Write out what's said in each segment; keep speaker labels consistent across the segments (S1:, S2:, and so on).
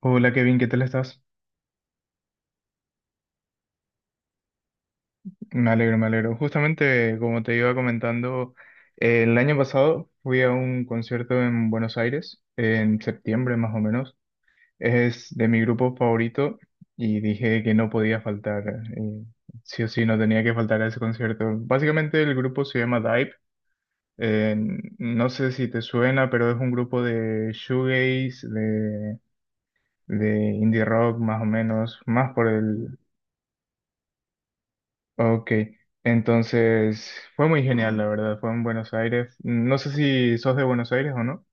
S1: Hola Kevin, ¿qué tal estás? Me alegro, me alegro. Justamente, como te iba comentando, el año pasado fui a un concierto en Buenos Aires, en septiembre más o menos. Es de mi grupo favorito y dije que no podía faltar. eh, sí o sí, no tenía que faltar a ese concierto. Básicamente el grupo se llama Dive. eh, no sé si te suena, pero es un grupo de shoegaze, de indie rock más o menos, más por el. Ok, entonces fue muy genial, la verdad, fue en Buenos Aires. No sé si sos de Buenos Aires o no.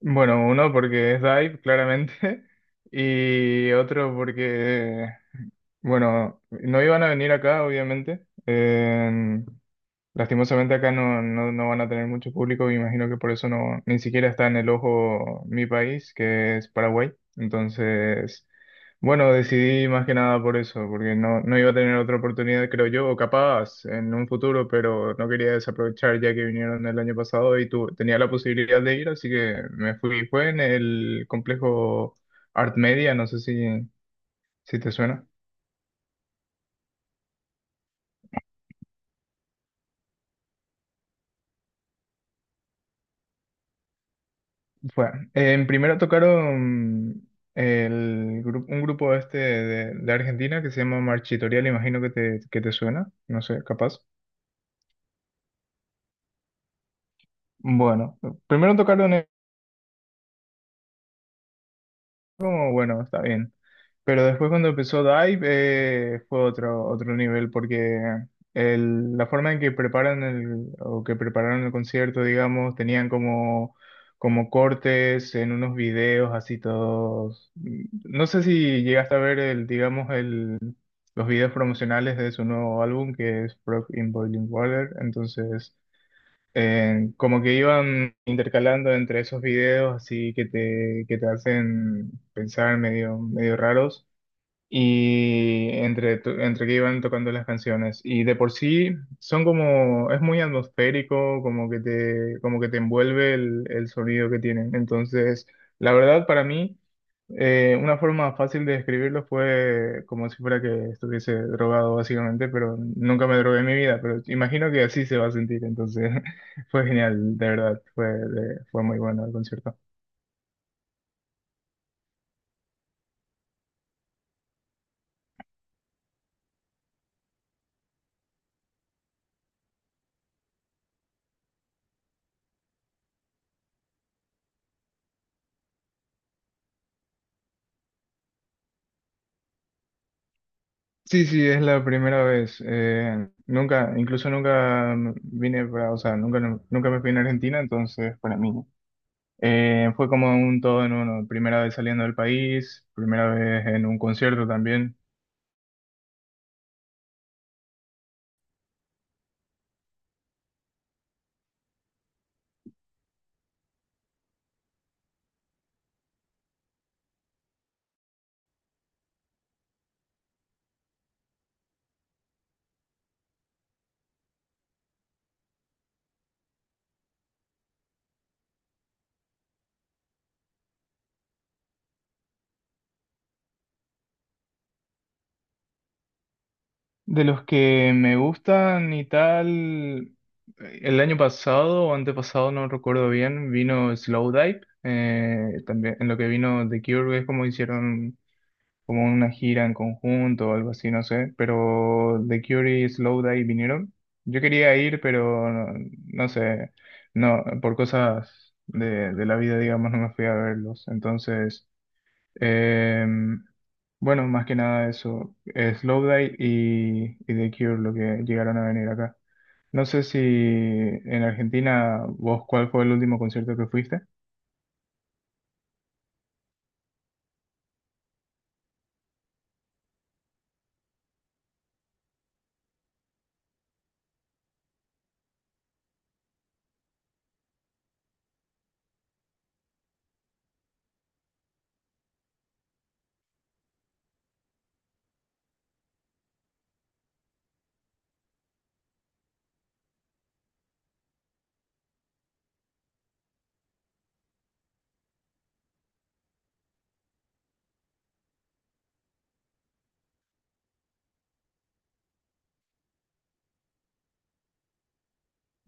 S1: Bueno, uno porque es Dive, claramente, y otro porque, bueno, no iban a venir acá, obviamente. Lastimosamente acá no van a tener mucho público, me imagino que por eso no, ni siquiera está en el ojo mi país, que es Paraguay. Entonces, bueno, decidí más que nada por eso, porque no iba a tener otra oportunidad, creo yo, o capaz en un futuro, pero no quería desaprovechar ya que vinieron el año pasado y tu, tenía la posibilidad de ir, así que me fui. Fue en el complejo Art Media, no sé si, si te suena. Fue. En primero tocaron un grupo este de Argentina que se llama Marchitoria, le imagino que te suena, no sé, capaz. Bueno, primero tocaron eso como, bueno, está bien. Pero después cuando empezó Dive fue otro, otro nivel porque la forma en que preparan el, o que prepararon el concierto, digamos, tenían como, como cortes en unos videos así todos. No sé si llegaste a ver el, digamos, el los videos promocionales de su nuevo álbum que es Frog in Boiling Water. Entonces, como que iban intercalando entre esos videos así que te hacen pensar medio, medio raros y entre, entre que iban tocando las canciones. Y de por sí son como, es muy atmosférico, como que te envuelve el sonido que tienen. Entonces, la verdad para mí... Una forma fácil de describirlo fue como si fuera que estuviese drogado básicamente, pero nunca me drogué en mi vida, pero imagino que así se va a sentir, entonces fue genial, de verdad, fue, fue muy bueno el concierto. Sí, sí, es la primera vez, nunca, incluso nunca vine para, o sea, nunca, nunca me fui en Argentina, entonces para mí fue como un todo en uno, primera vez saliendo del país, primera vez en un concierto también. De los que me gustan y tal, el año pasado o antepasado, no recuerdo bien, vino Slowdive, también en lo que vino The Cure, es como hicieron como una gira en conjunto o algo así, no sé, pero The Cure y Slowdive vinieron. Yo quería ir, pero no, no sé, no, por cosas de la vida, digamos, no me fui a verlos, entonces... Em, bueno, más que nada eso, Slowdive y The Cure lo que llegaron a venir acá. No sé si en Argentina, vos, ¿cuál fue el último concierto que fuiste?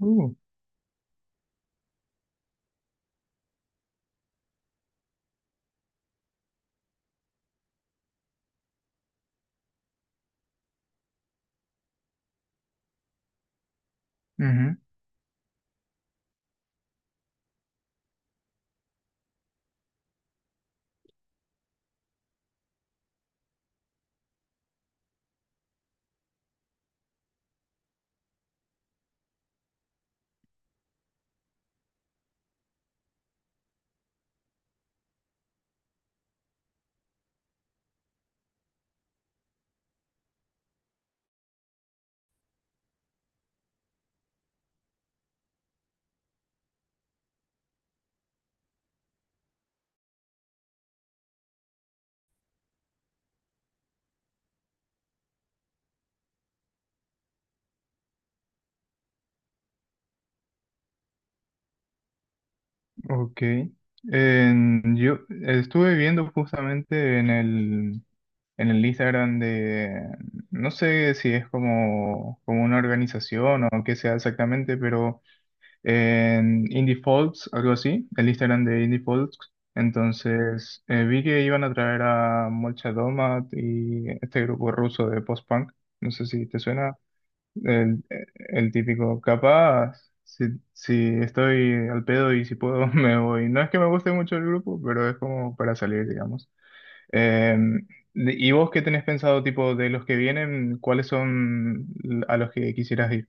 S1: Uh, ujú, ok. En, yo estuve viendo justamente en el Instagram de, no sé si es como, como una organización o qué sea exactamente, pero... En Indie Folks, algo así, el Instagram de Indie Folks. Entonces vi que iban a traer a Molchat Domat y este grupo ruso de post-punk. No sé si te suena el, el típico. Capaz, si, si estoy al pedo y si puedo, me voy. No es que me guste mucho el grupo, pero es como para salir, digamos. Eh, ¿Y vos qué tenés pensado, tipo, de los que vienen, cuáles son a los que quisieras ir?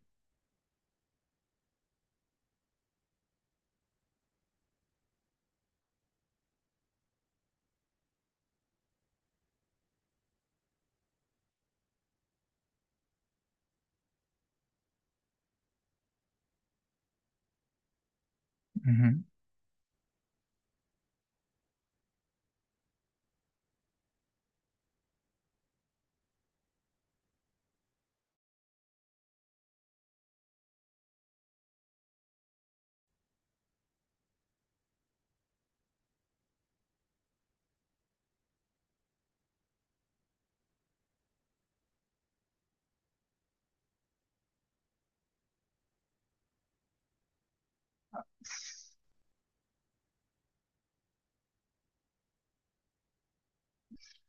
S1: Ujú.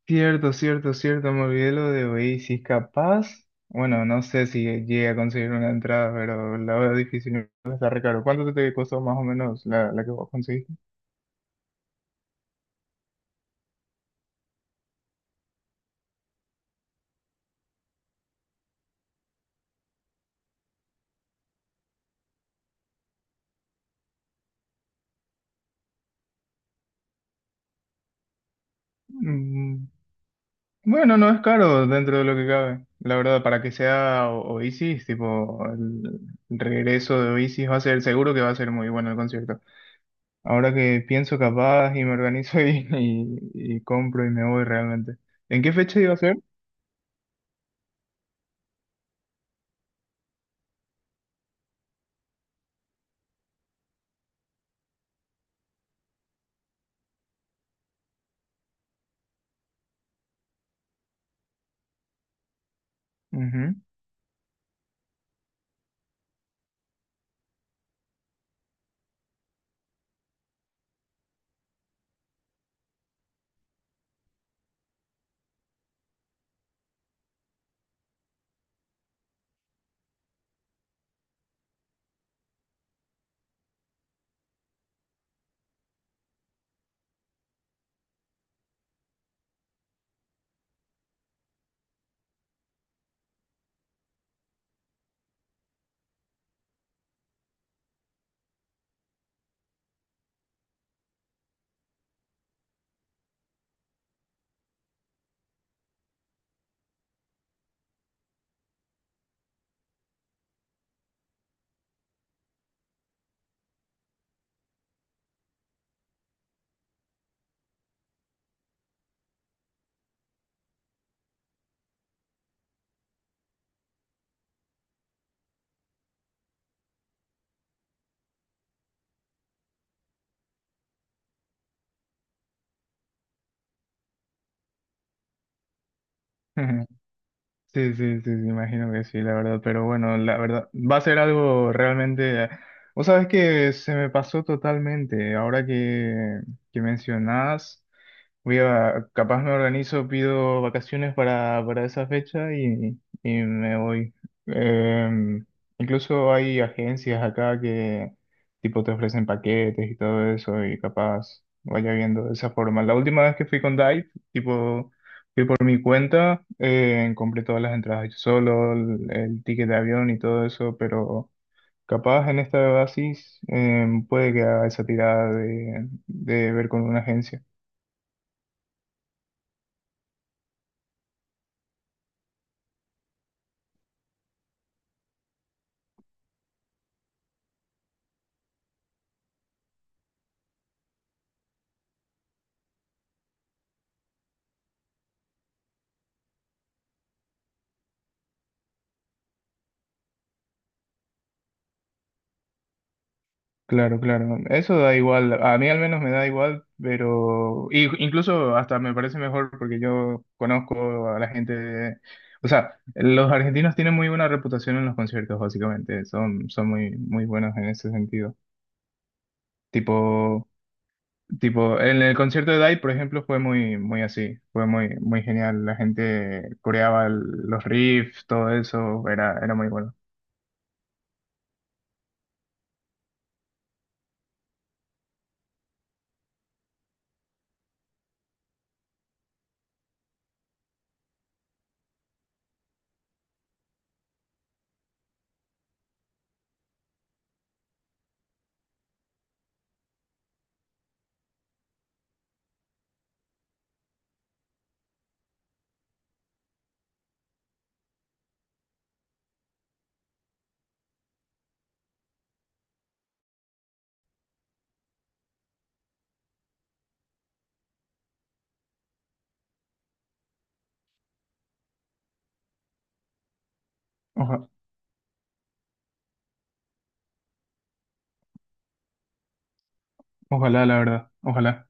S1: Cierto, cierto, cierto, me olvidé lo de Oasis, capaz, bueno, no sé si llegué a conseguir una entrada, pero la veo difícil, está re caro. ¿Cuánto te costó más o menos la, la que vos conseguiste? Mm, bueno, no es caro dentro de lo que cabe, la verdad, para que sea Oasis, tipo, el regreso de Oasis va a ser, seguro que va a ser muy bueno el concierto. Ahora que pienso capaz y me organizo y compro y me voy realmente. ¿En qué fecha iba a ser? Ujú. Sí, sí, sí, sí, imagino que sí, la verdad, pero bueno, la verdad, va a ser algo realmente, vos sabés que se me pasó totalmente, ahora que mencionás, voy a, capaz me organizo, pido vacaciones para esa fecha y me voy. Eh, Incluso hay agencias acá que tipo te ofrecen paquetes y todo eso y capaz vaya viendo de esa forma. La última vez que fui con Dive, tipo... Por mi cuenta, compré todas las entradas yo solo, el ticket de avión y todo eso, pero capaz en esta basis puede que haga esa tirada de ver con una agencia. Claro, claro. Eso da igual. A mí al menos me da igual, pero incluso hasta me parece mejor porque yo conozco a la gente de. O sea, los argentinos tienen muy buena reputación en los conciertos, básicamente. Son, son muy, muy buenos en ese sentido. Tipo. Tipo, en el concierto de DAI, por ejemplo, fue muy, muy así, fue muy, muy genial. La gente coreaba los riffs, todo eso, era, era muy bueno. Oja- Ojalá, la verdad, ojalá,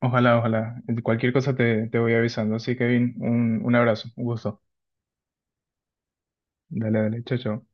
S1: ojalá, ojalá. Cualquier cosa te, te voy avisando. Así, Kevin, un abrazo, un gusto. Dale, dale, chao, chao.